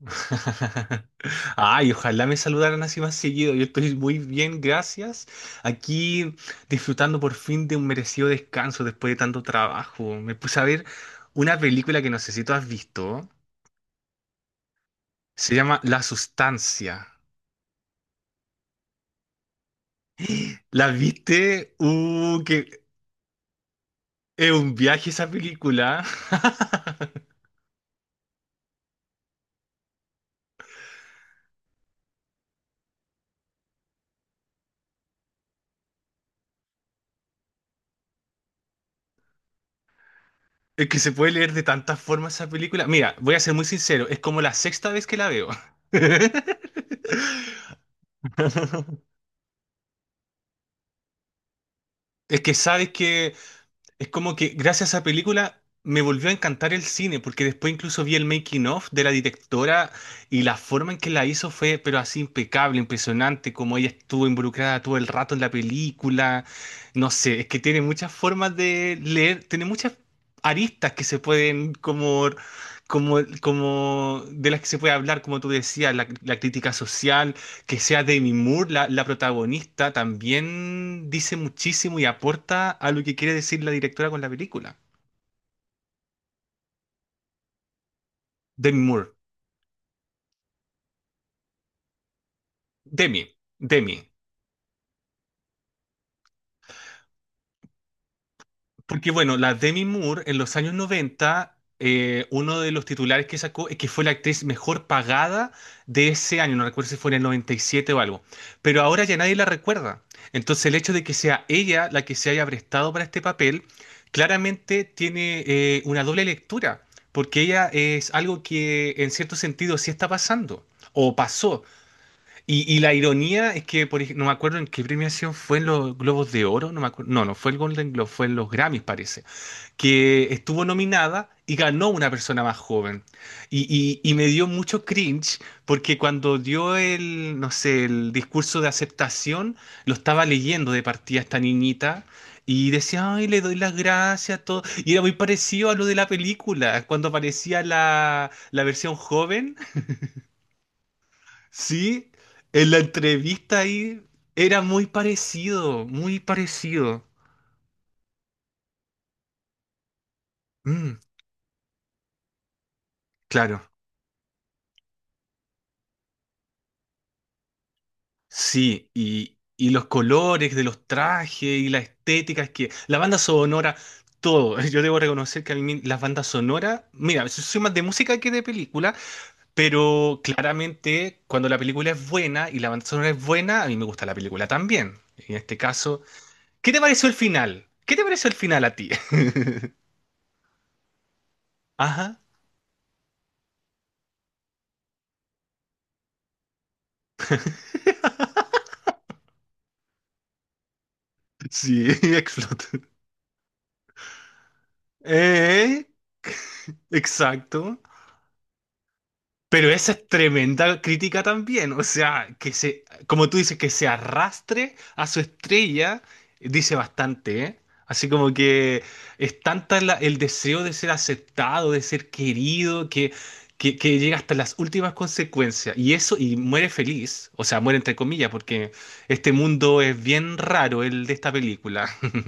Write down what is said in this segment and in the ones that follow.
Ay, ojalá me saludaran así más seguido. Yo estoy muy bien, gracias. Aquí disfrutando por fin de un merecido descanso después de tanto trabajo. Me puse a ver una película que no sé si tú has visto. Se llama La Sustancia. ¿La viste? Que es un viaje esa película. Es que se puede leer de tantas formas esa película. Mira, voy a ser muy sincero, es como la sexta vez que la veo. Es que sabes que. Es como que gracias a esa película me volvió a encantar el cine, porque después incluso vi el making of de la directora y la forma en que la hizo fue, pero así impecable, impresionante, como ella estuvo involucrada todo el rato en la película. No sé, es que tiene muchas formas de leer, tiene muchas aristas que se pueden como. Como de las que se puede hablar, como tú decías, la crítica social, que sea Demi Moore la protagonista también dice muchísimo y aporta a lo que quiere decir la directora con la película. Demi Moore. Demi. Demi. Porque bueno, la Demi Moore en los años 90, uno de los titulares que sacó es que fue la actriz mejor pagada de ese año, no recuerdo si fue en el 97 o algo, pero ahora ya nadie la recuerda. Entonces el hecho de que sea ella la que se haya prestado para este papel, claramente tiene una doble lectura, porque ella es algo que en cierto sentido sí está pasando, o pasó. Y la ironía es que, no me acuerdo en qué premiación fue en los Globos de Oro, no me acuerdo, no, no fue el Golden Globe, fue en los Grammys, parece que estuvo nominada y ganó una persona más joven. Y me dio mucho cringe porque cuando dio el, no sé, el discurso de aceptación, lo estaba leyendo de partida esta niñita y decía, ay, le doy las gracias, todo. Y era muy parecido a lo de la película, cuando aparecía la versión joven, sí, en la entrevista ahí, era muy parecido, muy parecido. Mm, claro. Sí, y los colores de los trajes y la estética, es que la banda sonora, todo. Yo debo reconocer que a mí las bandas sonoras, mira, soy más de música que de película, pero claramente cuando la película es buena y la banda sonora es buena, a mí me gusta la película también. En este caso, ¿qué te pareció el final? ¿Qué te pareció el final a ti? Ajá. Sí, explotó. Eh, exacto. Pero esa es tremenda crítica también, o sea, que se, como tú dices, que se arrastre a su estrella, dice bastante, ¿eh? Así como que es tanta el deseo de ser aceptado, de ser querido, que, llega hasta las últimas consecuencias. Y eso, y muere feliz, o sea, muere entre comillas, porque este mundo es bien raro, el de esta película.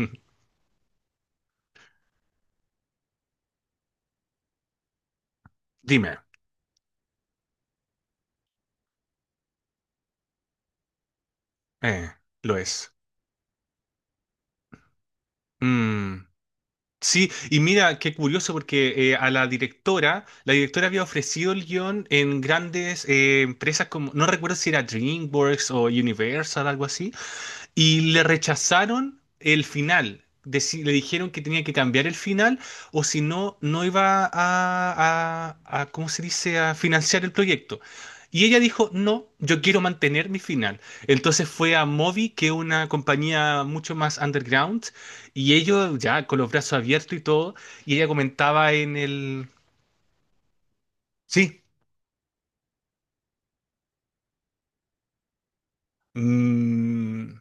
Dime, eh, lo es. Mm. Sí, y mira, qué curioso porque la directora había ofrecido el guión en grandes empresas como, no recuerdo si era DreamWorks o Universal, algo así, y le rechazaron el final. Le dijeron que tenía que cambiar el final o si no, no iba a, ¿cómo se dice?, a financiar el proyecto. Y ella dijo, no, yo quiero mantener mi final. Entonces fue a Mobi, que es una compañía mucho más underground, y ellos ya con los brazos abiertos y todo, y ella comentaba en el. Sí. Mm.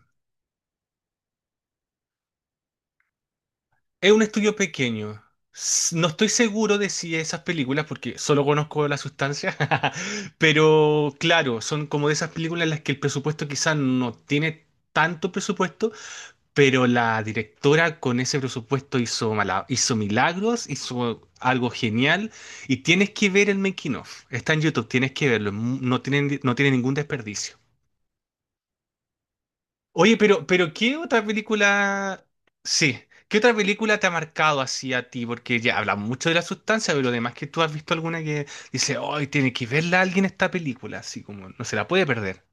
Es un estudio pequeño. No estoy seguro de si esas películas, porque solo conozco la sustancia, pero claro, son como de esas películas en las que el presupuesto quizás no tiene tanto presupuesto, pero la directora con ese presupuesto hizo, hizo milagros, hizo algo genial, y tienes que ver el making of. Está en YouTube, tienes que verlo, no tiene ningún desperdicio. Oye, pero ¿qué otra película? Sí, ¿qué otra película te ha marcado así a ti? Porque ya hablamos mucho de la sustancia, pero además que tú has visto alguna que dice, hoy tiene que verla alguien esta película, así como no se la puede perder.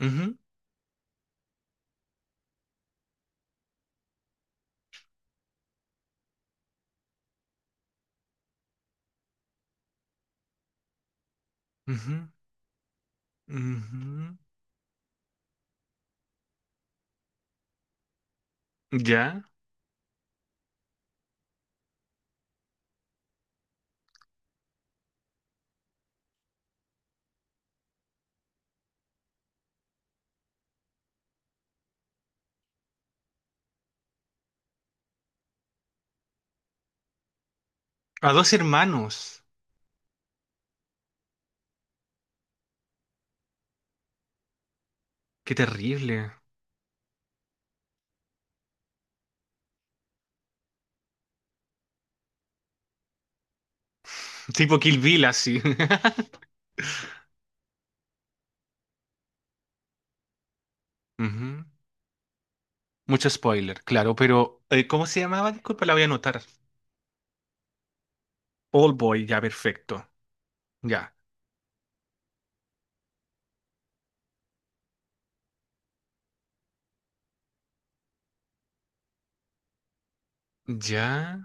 Ujú, ujú, ujú. Ya. A dos hermanos. Qué terrible. Tipo Kill Bill, así. Ujú. Mucho spoiler, claro, pero ¿cómo se llamaba? Disculpa, la voy a anotar. Old Boy, ya, perfecto. Ya. Ya.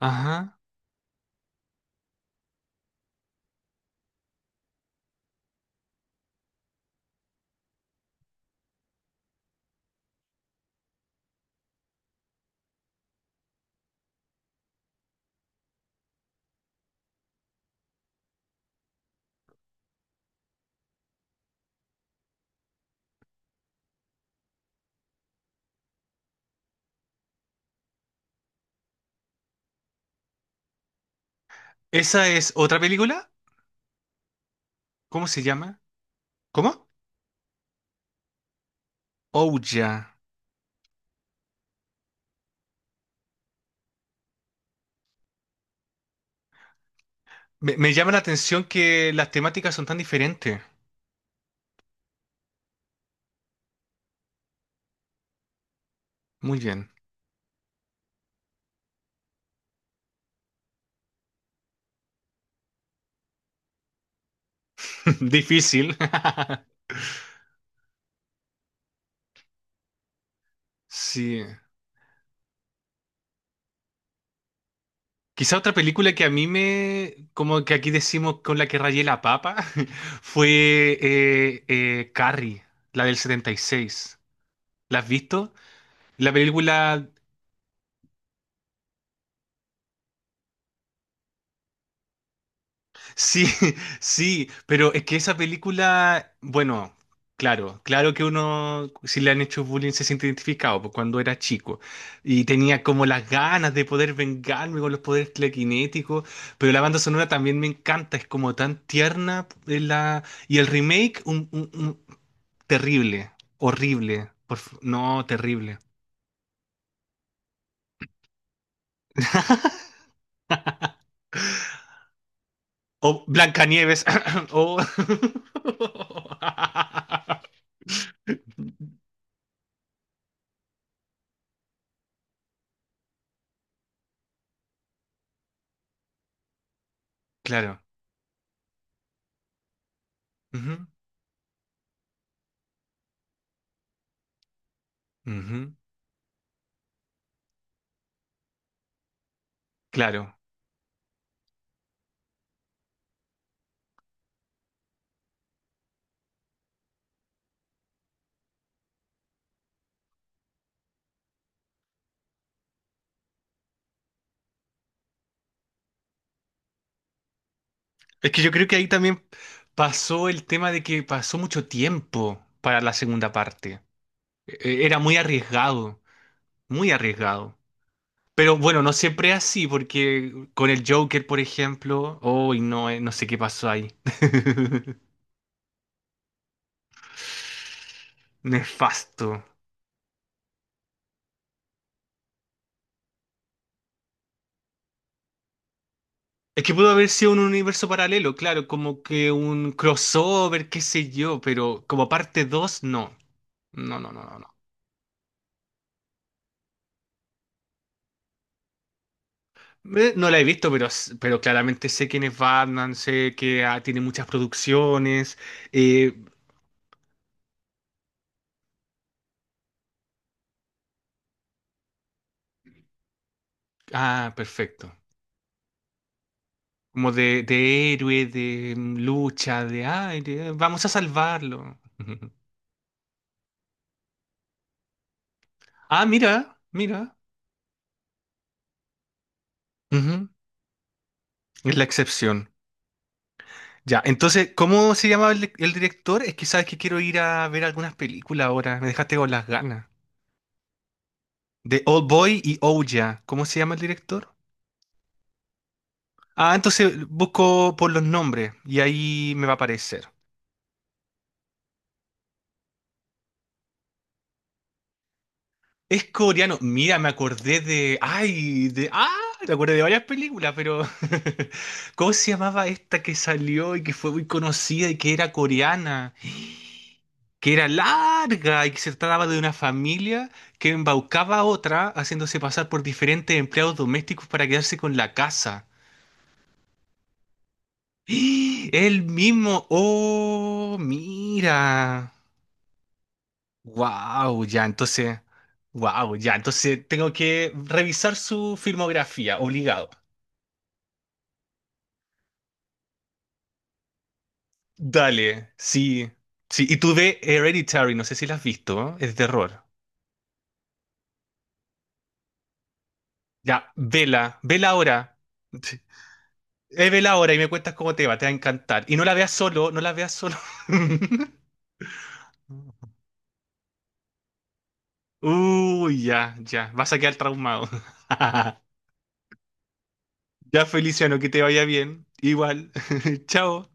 Ajá. ¿Esa es otra película? ¿Cómo se llama? ¿Cómo? Oh, ya. Me llama la atención que las temáticas son tan diferentes. Muy bien. Difícil. Sí. Quizá otra película que a mí me, como que aquí decimos con la que rayé la papa, fue Carrie, la del 76. ¿La has visto? La película. Sí, sí, pero es que esa película, bueno, claro, claro que uno, si le han hecho bullying, se siente identificado, pues cuando era chico y tenía como las ganas de poder vengarme con los poderes telequinéticos, pero la banda sonora también me encanta, es como tan tierna la, y el remake, terrible, horrible, no, terrible. O Blancanieves, o. Claro. Ujú, ujú. Claro. Es que yo creo que ahí también pasó el tema de que pasó mucho tiempo para la segunda parte. Era muy arriesgado, muy arriesgado. Pero bueno, no siempre es así, porque con el Joker, por ejemplo, hoy no, no sé qué pasó ahí. Nefasto. Es que pudo haber sido un universo paralelo, claro, como que un crossover, qué sé yo, pero como parte 2, no. No, no, no, no, no. No la he visto, pero claramente sé quién es Batman, sé que tiene muchas producciones. eh, ah, perfecto. Como de héroe, de lucha, de aire. Vamos a salvarlo. Ah, mira, mira. Ujú. Es la excepción. Ya, entonces, ¿cómo se llama el director? Es que sabes que quiero ir a ver algunas películas ahora. Me dejaste con las ganas. De Old Boy y Ouya. ¿Cómo se llama el director? Ah, entonces busco por los nombres y ahí me va a aparecer. Es coreano. Mira, me acordé de. Ay, de. Ah, me acordé de varias películas, pero. ¿Cómo se llamaba esta que salió y que fue muy conocida y que era coreana? Que era larga y que se trataba de una familia que embaucaba a otra haciéndose pasar por diferentes empleados domésticos para quedarse con la casa. El mismo. Oh, mira. Wow, ya entonces, wow, ya entonces tengo que revisar su filmografía, obligado. Dale, sí, sí. Y tú ve Hereditary, no sé si la has visto, ¿no? Es de terror. Ya, vela, vela ahora. Sí. Vela ahora y me cuentas cómo te va a encantar. Y no la veas solo, no la veas solo. Uy, ya, ya, vas a quedar traumado. Ya, Feliciano, que te vaya bien. Igual, chao.